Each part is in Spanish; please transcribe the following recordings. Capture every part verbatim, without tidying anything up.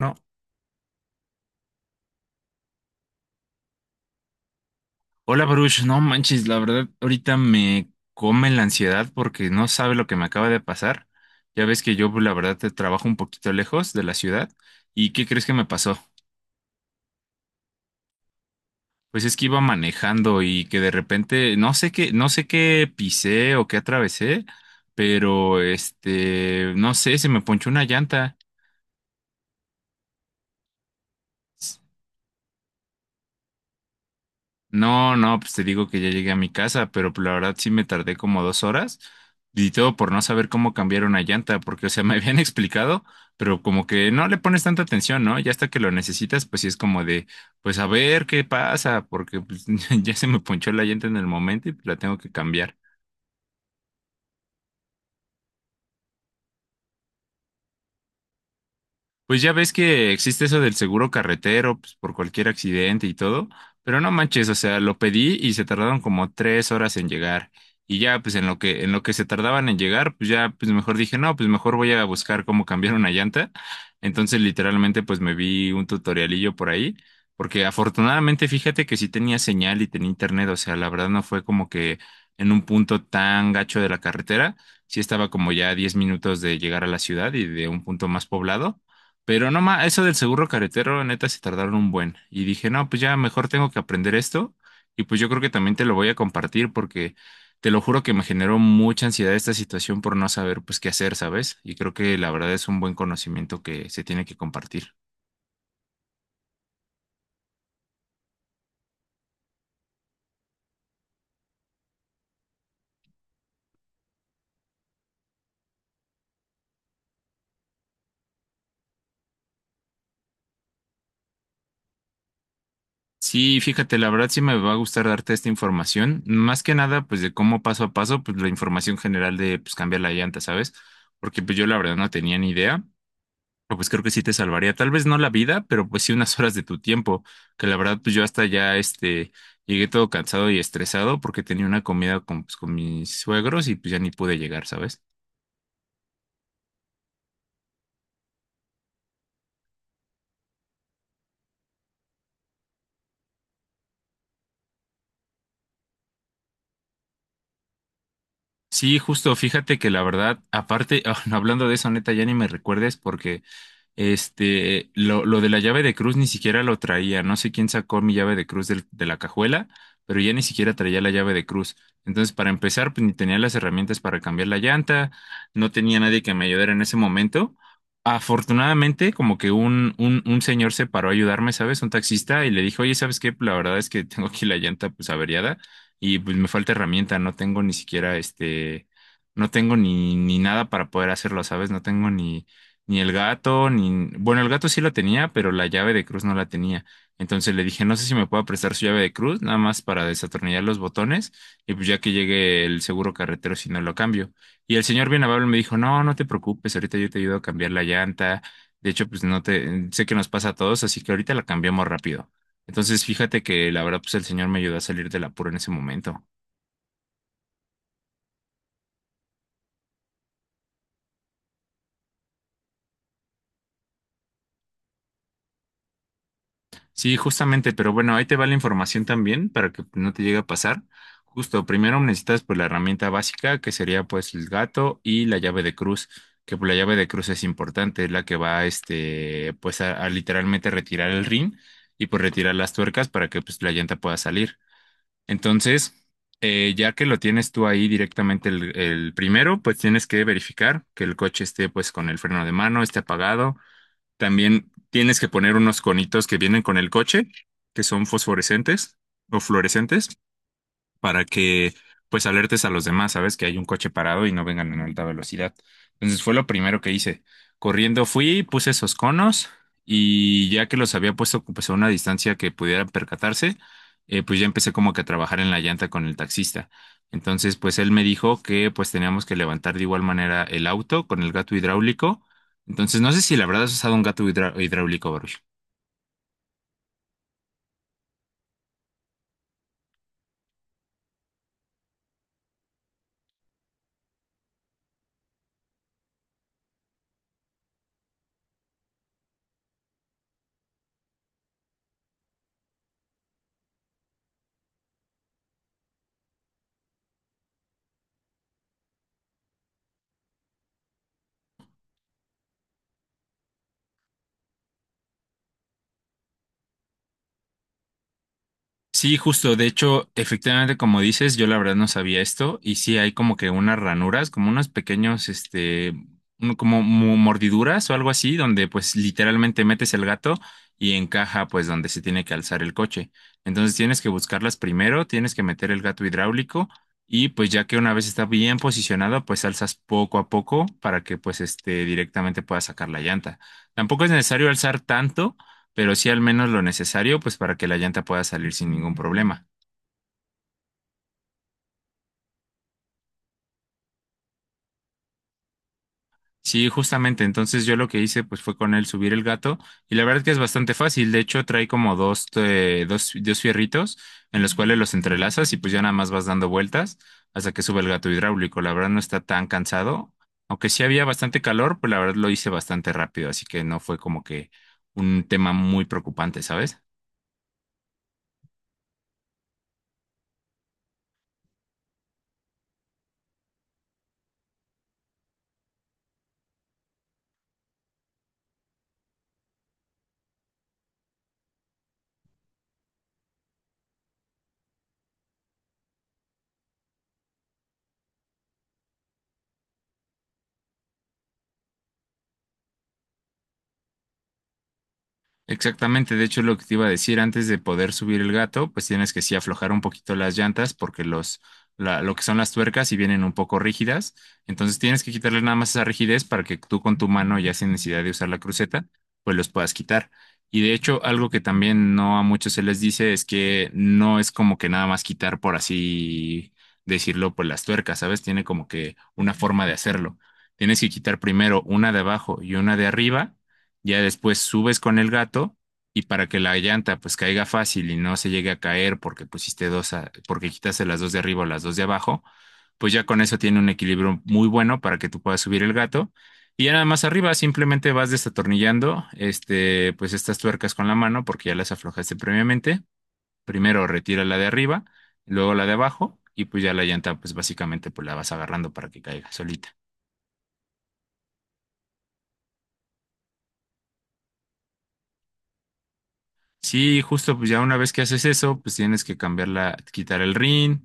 No, hola Baruch, no manches, la verdad ahorita me come la ansiedad porque no sabe lo que me acaba de pasar. Ya ves que yo pues, la verdad te trabajo un poquito lejos de la ciudad. ¿Y qué crees que me pasó? Pues es que iba manejando y que de repente no sé qué, no sé qué pisé o qué atravesé, pero este, no sé, se me ponchó una llanta. No, no, pues te digo que ya llegué a mi casa, pero la verdad sí me tardé como dos horas y todo por no saber cómo cambiar una llanta, porque, o sea, me habían explicado, pero como que no le pones tanta atención, ¿no? Ya hasta que lo necesitas, pues sí es como de, pues a ver qué pasa, porque pues, ya se me ponchó la llanta en el momento y la tengo que cambiar. Pues ya ves que existe eso del seguro carretero, pues, por cualquier accidente y todo, pero no manches, o sea, lo pedí y se tardaron como tres horas en llegar. Y ya, pues en lo que, en lo que se tardaban en llegar, pues ya, pues mejor dije, no, pues mejor voy a buscar cómo cambiar una llanta. Entonces, literalmente, pues me vi un tutorialillo por ahí, porque afortunadamente, fíjate que sí tenía señal y tenía internet, o sea, la verdad no fue como que en un punto tan gacho de la carretera, sí estaba como ya a diez minutos de llegar a la ciudad y de un punto más poblado, pero no más, eso del seguro carretero, neta, se tardaron un buen. Y dije, no, pues ya mejor tengo que aprender esto. Y pues yo creo que también te lo voy a compartir porque te lo juro que me generó mucha ansiedad esta situación por no saber pues qué hacer, ¿sabes? Y creo que la verdad es un buen conocimiento que se tiene que compartir. Sí, fíjate, la verdad sí me va a gustar darte esta información. Más que nada, pues de cómo paso a paso, pues la información general de pues cambiar la llanta, ¿sabes? Porque pues yo la verdad no tenía ni idea. No, pues creo que sí te salvaría, tal vez no la vida, pero pues sí unas horas de tu tiempo, que la verdad pues yo hasta ya este llegué todo cansado y estresado porque tenía una comida con, pues, con mis suegros y pues ya ni pude llegar, ¿sabes? Sí, justo, fíjate que la verdad, aparte, ah, no, hablando de eso, neta, ya ni me recuerdes porque Este, lo, lo de la llave de cruz ni siquiera lo traía. No sé quién sacó mi llave de cruz del- de la cajuela, pero ya ni siquiera traía la llave de cruz. Entonces, para empezar, pues ni tenía las herramientas para cambiar la llanta, no tenía nadie que me ayudara en ese momento. Afortunadamente, como que un, un, un señor se paró a ayudarme, ¿sabes? Un taxista y le dijo, oye, ¿sabes qué? La verdad es que tengo aquí la llanta pues averiada y pues me falta herramienta, no tengo ni siquiera este, no tengo ni, ni nada para poder hacerlo, ¿sabes? No tengo ni ni el gato, ni... Bueno, el gato sí la tenía, pero la llave de cruz no la tenía. Entonces le dije, no sé si me puede prestar su llave de cruz, nada más para desatornillar los botones, y pues ya que llegue el seguro carretero, si no lo cambio. Y el señor bien amable me dijo, no, no te preocupes, ahorita yo te ayudo a cambiar la llanta. De hecho, pues no te... Sé que nos pasa a todos, así que ahorita la cambiamos rápido. Entonces, fíjate que la verdad, pues el señor me ayudó a salir del apuro en ese momento. Sí, justamente, pero bueno, ahí te va la información también para que no te llegue a pasar. Justo, primero necesitas pues la herramienta básica que sería pues el gato y la llave de cruz, que pues, la llave de cruz es importante, es la que va este pues a, a literalmente retirar el rin y pues retirar las tuercas para que pues la llanta pueda salir. Entonces, eh, ya que lo tienes tú ahí directamente el el primero, pues tienes que verificar que el coche esté pues con el freno de mano, esté apagado. También tienes que poner unos conitos que vienen con el coche, que son fosforescentes o fluorescentes para que pues alertes a los demás, ¿sabes? Que hay un coche parado y no vengan en alta velocidad. Entonces fue lo primero que hice. Corriendo fui, puse esos conos y ya que los había puesto pues a una distancia que pudieran percatarse, eh, pues ya empecé como que a trabajar en la llanta con el taxista. Entonces pues él me dijo que pues teníamos que levantar de igual manera el auto con el gato hidráulico. Entonces no sé si la verdad has usado un gato hidra- hidráulico, Baruch. Sí, justo. De hecho, efectivamente, como dices, yo la verdad no sabía esto. Y sí hay como que unas ranuras, como unos pequeños, este, un- como mu- mordiduras o algo así, donde pues literalmente metes el gato y encaja pues donde se tiene que alzar el coche. Entonces tienes que buscarlas primero, tienes que meter el gato hidráulico y pues ya que una vez está bien posicionado, pues alzas poco a poco para que pues este directamente puedas sacar la llanta. Tampoco es necesario alzar tanto, pero sí al menos lo necesario, pues para que la llanta pueda salir sin ningún problema. Sí, justamente, entonces yo lo que hice pues fue con él subir el gato y la verdad que es bastante fácil, de hecho trae como dos, eh, dos, dos fierritos en los cuales los entrelazas y pues ya nada más vas dando vueltas hasta que sube el gato hidráulico, la verdad no está tan cansado, aunque sí había bastante calor, pues la verdad lo hice bastante rápido, así que no fue como que un tema muy preocupante, ¿sabes? Exactamente, de hecho lo que te iba a decir, antes de poder subir el gato, pues tienes que sí aflojar un poquito las llantas porque los, la- lo que son las tuercas sí vienen un poco rígidas, entonces tienes que quitarle nada más esa rigidez para que tú con tu mano, ya sin necesidad de usar la cruceta, pues los puedas quitar. Y de hecho, algo que también no a muchos se les dice es que no es como que nada más quitar por así decirlo, pues las tuercas, ¿sabes? Tiene como que una forma de hacerlo. Tienes que quitar primero una de abajo y una de arriba, ya después subes con el gato y para que la llanta pues caiga fácil y no se llegue a caer porque pusiste dos, a- porque quitaste las dos de arriba o las dos de abajo, pues ya con eso tiene un equilibrio muy bueno para que tú puedas subir el gato. Y ya nada más arriba simplemente vas desatornillando este, pues estas tuercas con la mano porque ya las aflojaste previamente. Primero retira la de arriba, luego la de abajo y pues ya la llanta pues básicamente pues la vas agarrando para que caiga solita. Sí, justo, pues ya una vez que haces eso, pues tienes que cambiarla, quitar el rin,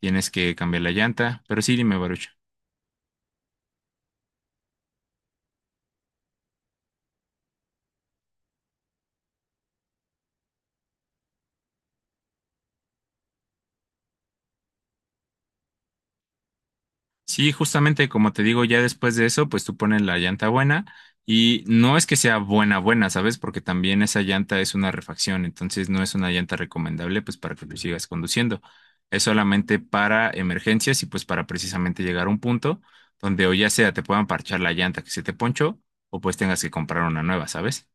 tienes que cambiar la llanta, pero sí, dime, Baruch. Sí, justamente como te digo, ya después de eso, pues tú pones la llanta buena y no es que sea buena, buena, ¿sabes? Porque también esa llanta es una refacción, entonces no es una llanta recomendable, pues para que tú sigas conduciendo. Es solamente para emergencias y pues para precisamente llegar a un punto donde o ya sea te puedan parchar la llanta que se te ponchó o pues tengas que comprar una nueva, ¿sabes?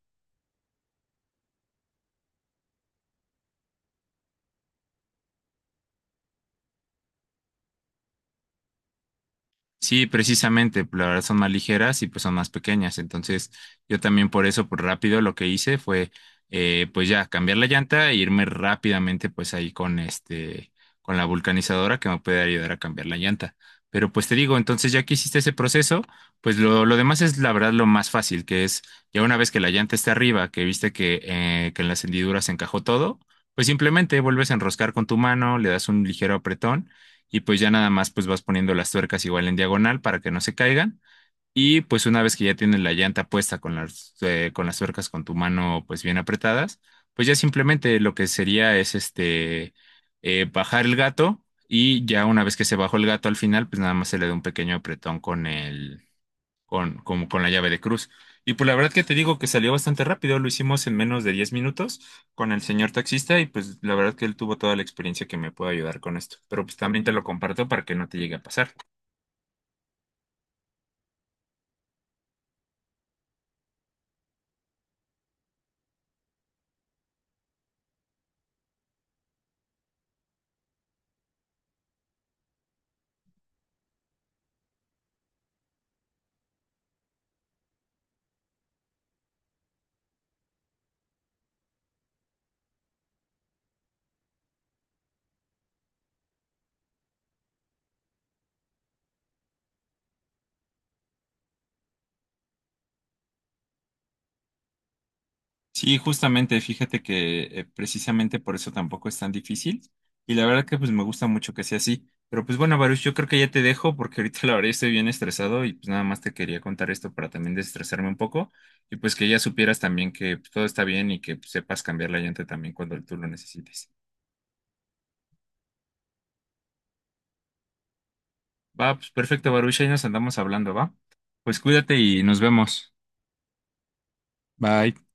Sí, precisamente, pues, la verdad son más ligeras y pues son más pequeñas. Entonces, yo también por eso, por rápido, lo que hice fue, eh, pues ya, cambiar la llanta e irme rápidamente, pues ahí con este, con la vulcanizadora que me puede ayudar a cambiar la llanta. Pero pues te digo, entonces ya que hiciste ese proceso, pues lo, lo demás es la verdad lo más fácil, que es ya una vez que la llanta está arriba, que viste que, eh, que en las hendiduras se encajó todo, pues simplemente vuelves a enroscar con tu mano, le das un ligero apretón y pues ya nada más pues vas poniendo las tuercas igual en diagonal para que no se caigan y pues una vez que ya tienes la llanta puesta con las, eh, con las tuercas con tu mano pues bien apretadas, pues ya simplemente lo que sería es este eh, bajar el gato y ya una vez que se bajó el gato al final pues nada más se le da un pequeño apretón con el con, con, con la llave de cruz. Y pues la verdad que te digo que salió bastante rápido, lo hicimos en menos de diez minutos con el señor taxista y pues la verdad que él tuvo toda la experiencia que me puede ayudar con esto. Pero pues también te lo comparto para que no te llegue a pasar. Sí, justamente, fíjate que eh, precisamente por eso tampoco es tan difícil y la verdad que pues me gusta mucho que sea así. Pero pues bueno, Baruch, yo creo que ya te dejo porque ahorita la verdad estoy bien estresado y pues nada más te quería contar esto para también desestresarme un poco y pues que ya supieras también que pues, todo está bien y que pues, sepas cambiar la llanta también cuando tú lo necesites. Va, pues perfecto, Baruch, ahí nos andamos hablando, ¿va? Pues cuídate y nos vemos. Bye.